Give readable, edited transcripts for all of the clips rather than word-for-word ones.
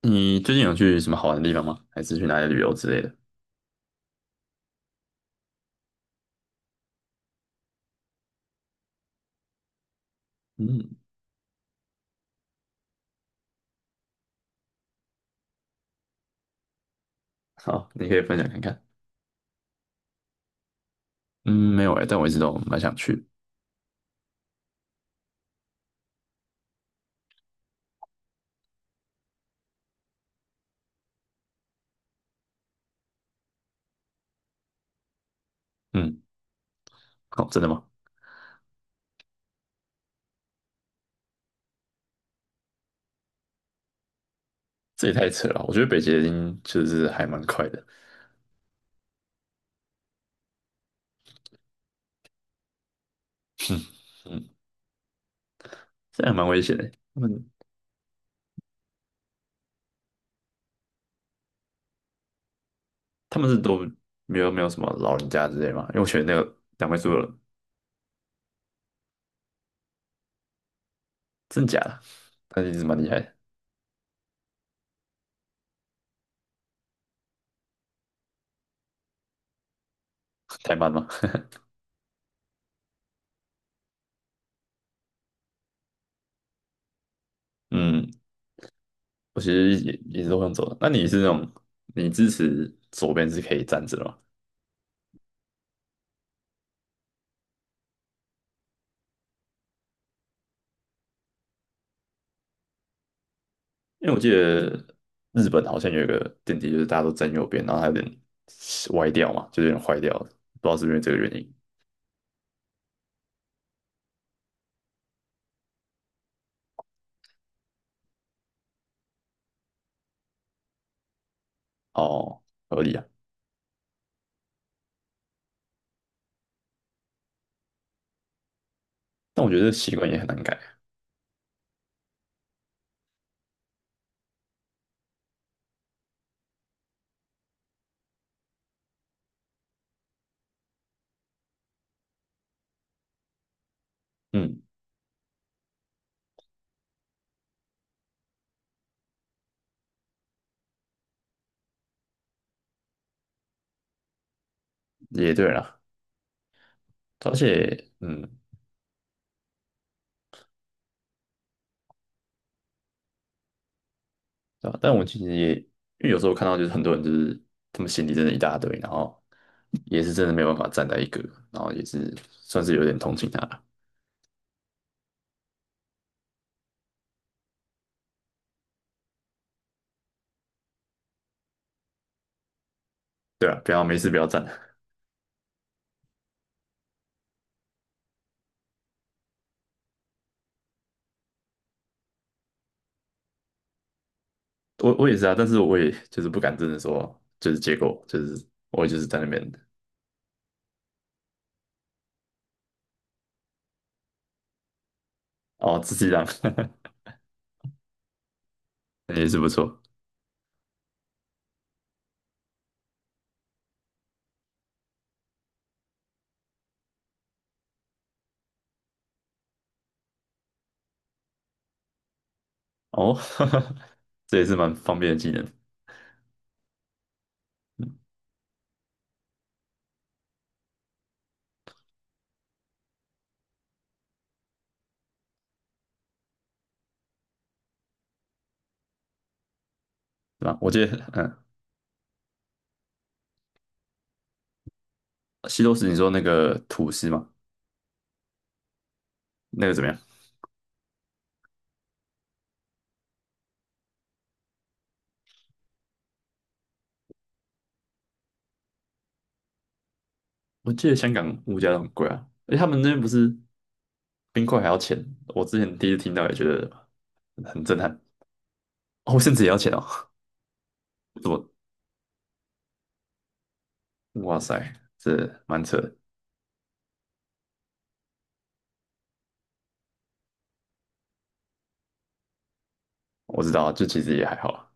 你最近有去什么好玩的地方吗？还是去哪里旅游之类的？嗯。好，你可以分享看看。嗯，没有哎、但我一直都蛮想去。嗯。哦，真的吗？这也太扯了！我觉得北捷已经就是还蛮快的。嗯。这还蛮危险的。他们他们是都没有没有什么老人家之类吗？因为我觉得那个两位数的，真假的？那一直蛮厉害的。太慢吗？嗯。我其实也是都想走的。那你是那种你支持左边是可以站着的吗？因为我记得日本好像有一个电梯，就是大家都站右边，然后它有点歪掉嘛，就是有点坏掉了，不知道是不是这个原因。哦，合理啊。但我觉得习惯也很难改。嗯。也对啦，而且对吧？但我其实也，因为有时候看到就是很多人就是他们行李真的一大堆，然后也是真的没有办法站在一个，然后也是算是有点同情他了。对啊，不要没事不要站。我也是啊，但是我也就是不敢真的说就是结果就是我也就是在那边。哦，自己让 那也是不错。哦，这也是蛮方便的技能，是吧？我记得，嗯，西多士你说那个吐司嘛，那个怎么样？我记得香港物价都很贵啊，而且他们那边不是冰块还要钱，我之前第一次听到也觉得很震撼。哦，甚至也要钱哦。怎么？哇塞，这蛮扯的。我知道啊，就其实也还好啊。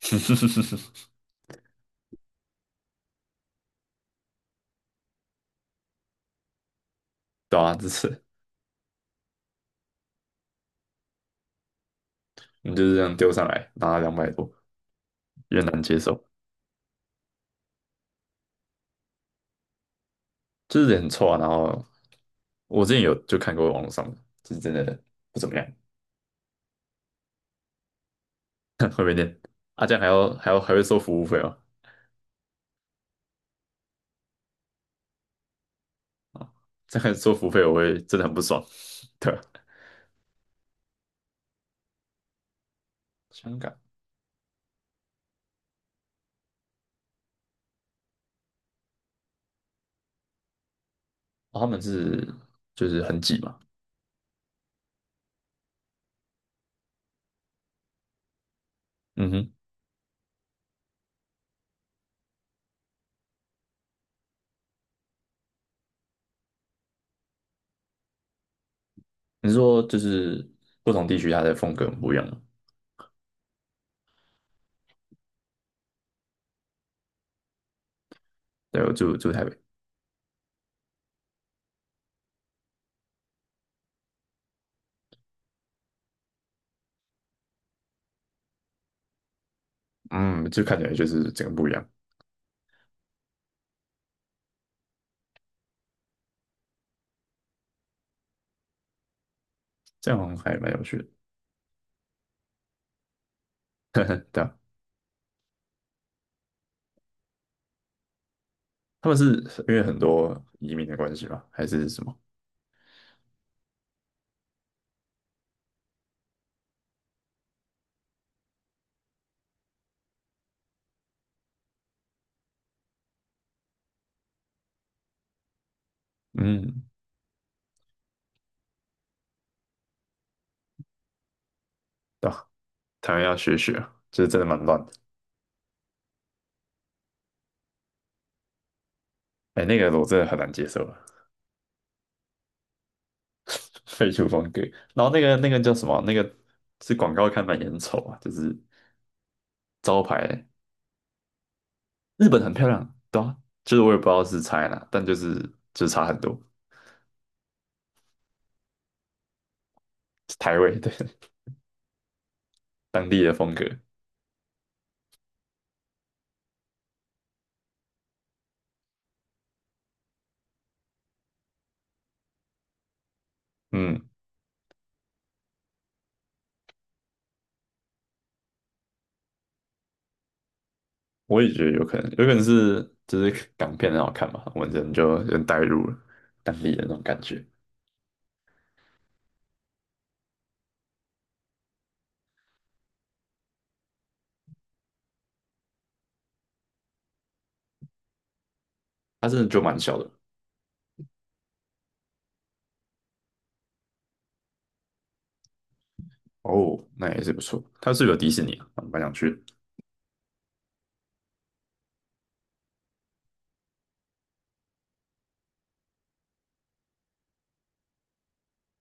对啊，这次你就是这样丢上来，拿了200多，有点难接受。就是人很臭啊。然后我之前有就看过网络上的，就是真的不怎么样。后面念啊，这样还要还会收服务费哦。啊，这样收服务费我会真的很不爽。对啊。香港，哦，他们是就是很挤嘛。嗯哼。你是说就是不同地区它的风格很不一样吗？对，我住台北。嗯，就看起来就是整个不一样。这样好像还蛮有趣的。对啊，他们是因为很多移民的关系吧，还是什么？嗯，对啊，台湾要学学，就是真的蛮乱的。哎，那个我真的很难接受啊。废除风格。然后那个叫什么啊？那个是广告看板也很丑啊，就是招牌。日本很漂亮，对啊，就是我也不知道是差在哪，但就是就是差很多。台味，对 当地的风格。嗯，我也觉得有可能，有可能是就是港片很好看嘛，我们人就人带入了当地的那种感觉。它真的就蛮小的。哦，那也是不错。它是不是有迪士尼啊，蛮想去的。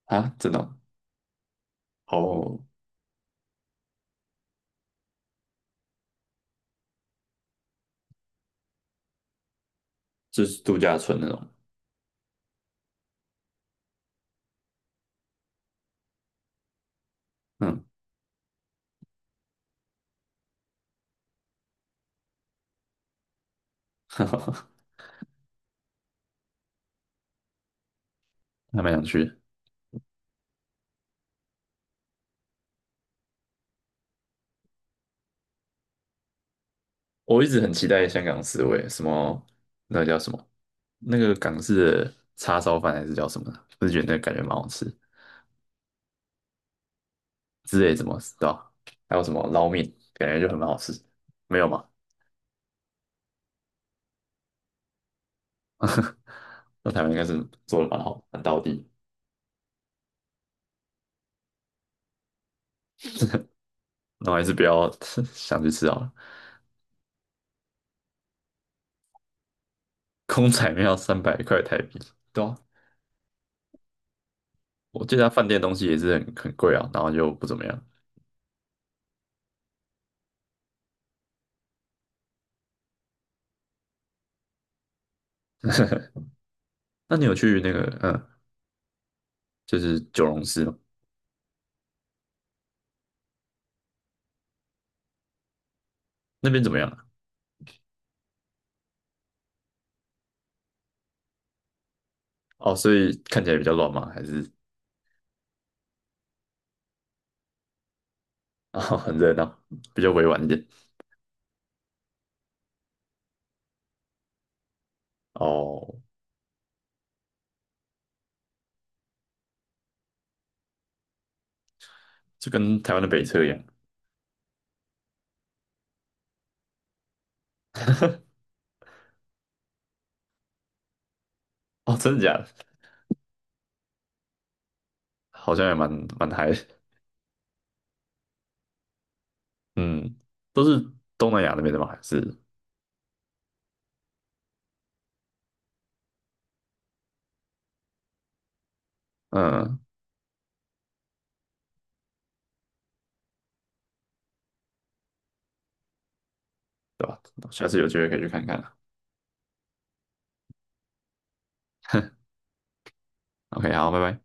啊，真的哦。好，就是度假村那种。嗯，还蛮想去的。我一直很期待香港四味，什么那个叫什么，那个港式的叉烧饭还是叫什么的，我就觉得那个感觉蛮好吃，之类什么，对吧？还有什么捞面，感觉就很蛮好吃，没有吗？那台湾应该是做的蛮好，蛮到地。那我还是不要 想去吃好了。空仔面要300块台币，对啊，我记得他饭店东西也是很很贵啊，然后就不怎么样。那你有去那个嗯，就是九龙寺吗？那边怎么样啊？哦，所以看起来比较乱吗？还是啊 很热闹，比较委婉一点？哦，就跟台湾的北车一样。哦，真的假的？好像也蛮嗨的。嗯，都是东南亚那边的吗？还是嗯，对吧？下次有机会可以去看看啊。OK，好，拜拜。